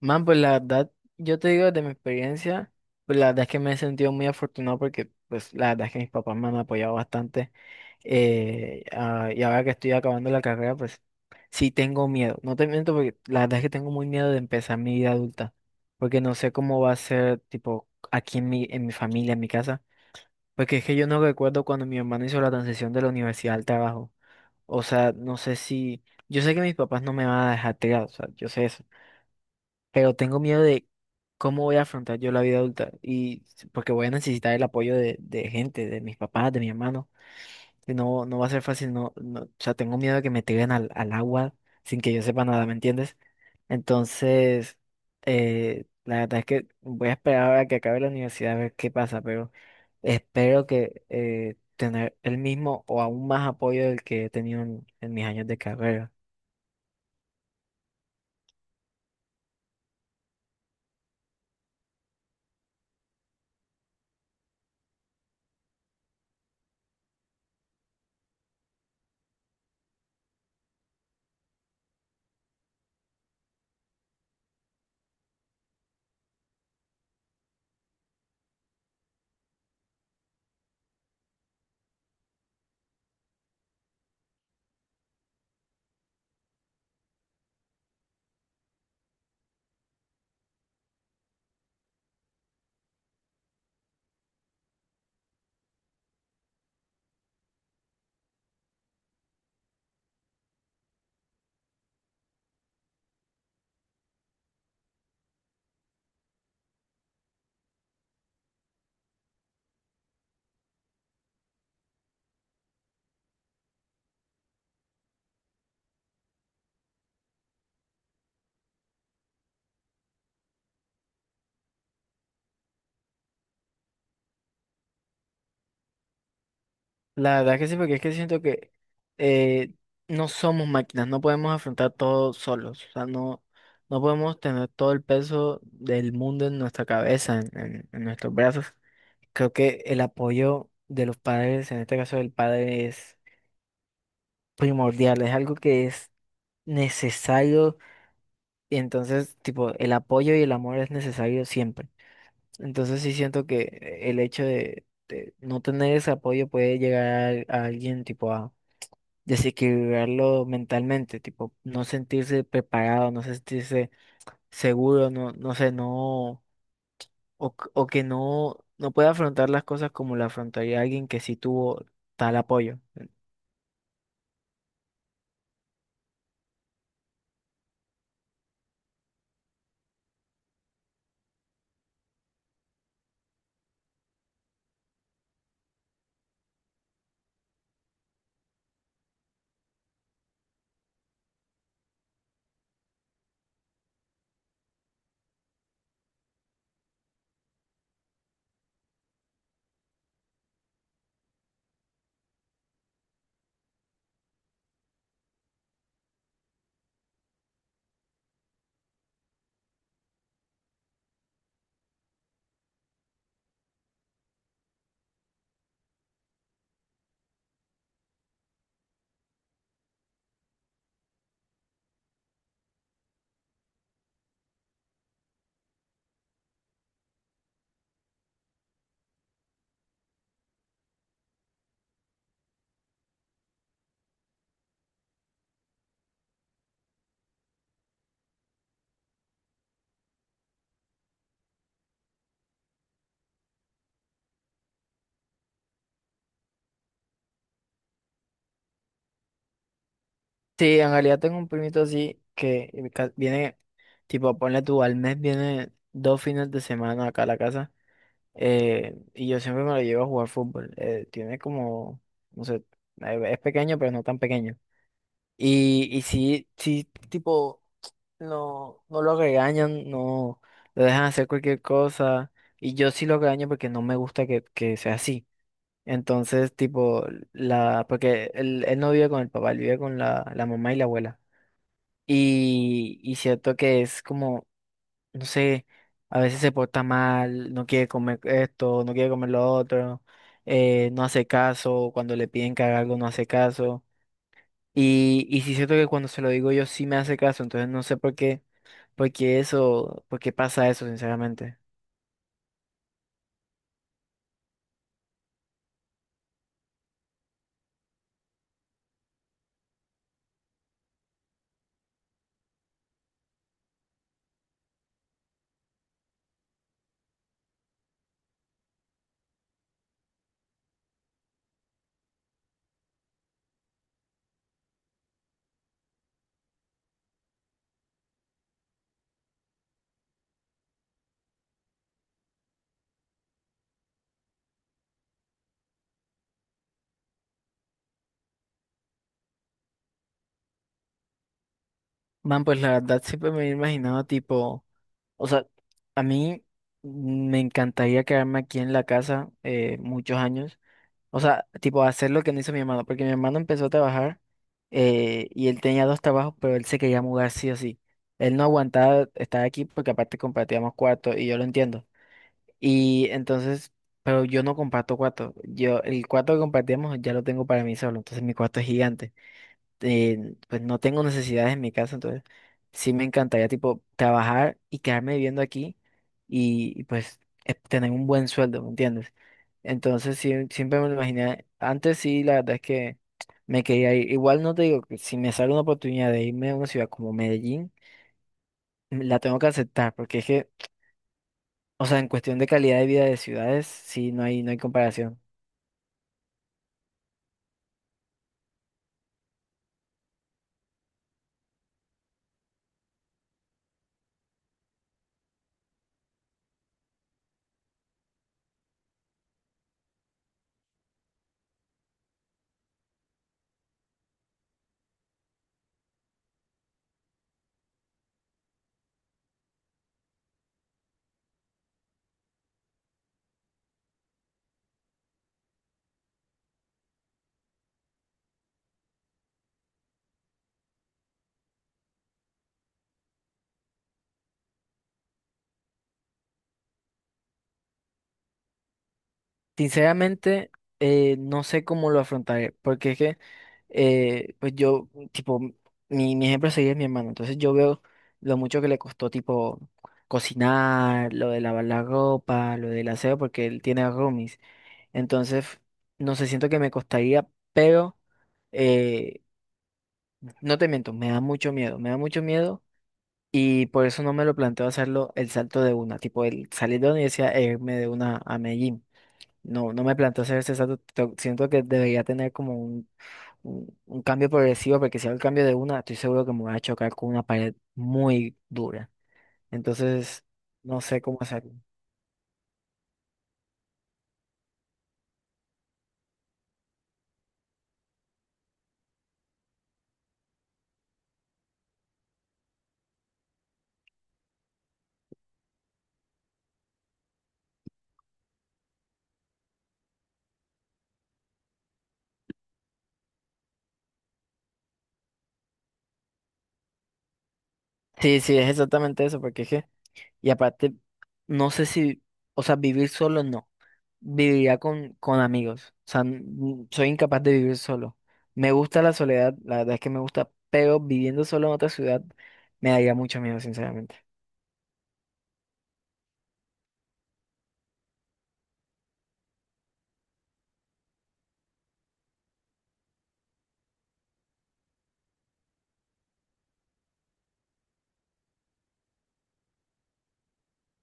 Man, pues la verdad, yo te digo de mi experiencia, pues la verdad es que me he sentido muy afortunado porque pues la verdad es que mis papás me han apoyado bastante. Y ahora que estoy acabando la carrera, pues sí tengo miedo. No te miento, porque la verdad es que tengo muy miedo de empezar mi vida adulta, porque no sé cómo va a ser, tipo aquí en mi familia, en mi casa, porque es que yo no recuerdo cuando mi hermano hizo la transición de la universidad al trabajo. O sea, no sé si... Yo sé que mis papás no me van a dejar tirado, o sea, yo sé eso, pero tengo miedo de cómo voy a afrontar yo la vida adulta, y porque voy a necesitar el apoyo de gente, de mis papás, de mi hermano. Y no, no va a ser fácil, no, no, o sea, tengo miedo de que me tiren al, al agua sin que yo sepa nada, ¿me entiendes? Entonces, la verdad es que voy a esperar a que acabe la universidad a ver qué pasa, pero espero que tener el mismo o aún más apoyo del que he tenido en mis años de carrera. La verdad que sí, porque es que siento que eh, no somos máquinas, no podemos afrontar todo solos, o sea, no, no podemos tener todo el peso del mundo en nuestra cabeza, en, en nuestros brazos. Creo que el apoyo de los padres, en este caso del padre, es primordial, es algo que es necesario, y entonces, tipo, el apoyo y el amor es necesario siempre. Entonces sí siento que el hecho de no tener ese apoyo puede llegar a alguien, tipo, a desequilibrarlo mentalmente, tipo, no sentirse preparado, no sentirse seguro, no, no sé, no, o, o que no, no pueda afrontar las cosas como la afrontaría alguien que sí tuvo tal apoyo. Sí, en realidad tengo un primito así que viene, tipo, ponle tú, al mes viene dos fines de semana acá a la casa, y yo siempre me lo llevo a jugar fútbol. Tiene como, no sé, es pequeño, pero no tan pequeño. Y si tipo, no, no lo regañan, no lo dejan hacer cualquier cosa. Y yo sí lo regaño porque no me gusta que sea así. Entonces, tipo, la, porque él no vive con el papá, él vive con la, la mamá y la abuela. Y cierto que es como, no sé, a veces se porta mal, no quiere comer esto, no quiere comer lo otro, no hace caso, cuando le piden que haga algo no hace caso. Y sí siento que cuando se lo digo yo sí me hace caso, entonces no sé por qué eso, por qué pasa eso, sinceramente. Man, pues la verdad siempre me he imaginado tipo, o sea, a mí me encantaría quedarme aquí en la casa muchos años, o sea, tipo hacer lo que no hizo mi hermano, porque mi hermano empezó a trabajar, y él tenía dos trabajos, pero él se quería mudar sí o sí. Él no aguantaba estar aquí porque aparte compartíamos cuarto y yo lo entiendo. Y entonces, pero yo no comparto cuarto. Yo, el cuarto que compartíamos ya lo tengo para mí solo. Entonces mi cuarto es gigante. Pues no tengo necesidades en mi casa. Entonces sí me encantaría tipo trabajar y quedarme viviendo aquí y, pues tener un buen sueldo, ¿me entiendes? Entonces sí, siempre me lo imaginé. Antes sí, la verdad es que me quería ir. Igual no te digo que si me sale una oportunidad de irme a una ciudad como Medellín, la tengo que aceptar porque es que, o sea, en cuestión de calidad de vida de ciudades, sí, no hay, no hay comparación. Sinceramente, no sé cómo lo afrontaré, porque es que, pues yo, tipo, mi ejemplo a seguir es mi hermano, entonces yo veo lo mucho que le costó, tipo, cocinar, lo de lavar la ropa, lo del aseo, porque él tiene roomies. Entonces, no sé, siento que me costaría, pero, eh, no te miento, me da mucho miedo, me da mucho miedo. Y por eso no me lo planteo hacerlo, el salto de una, tipo el salir de la universidad e irme de una a Medellín. No, no me planteo hacer ese salto. Siento que debería tener como un cambio progresivo, porque si hago el cambio de una, estoy seguro que me voy a chocar con una pared muy dura. Entonces, no sé cómo hacerlo. Sí, sí, es exactamente eso, porque es que, y aparte, no sé si, o sea, vivir solo no. Viviría con amigos. O sea, soy incapaz de vivir solo. Me gusta la soledad, la verdad es que me gusta, pero viviendo solo en otra ciudad me daría mucho miedo, sinceramente.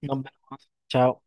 Nos vemos. Chao.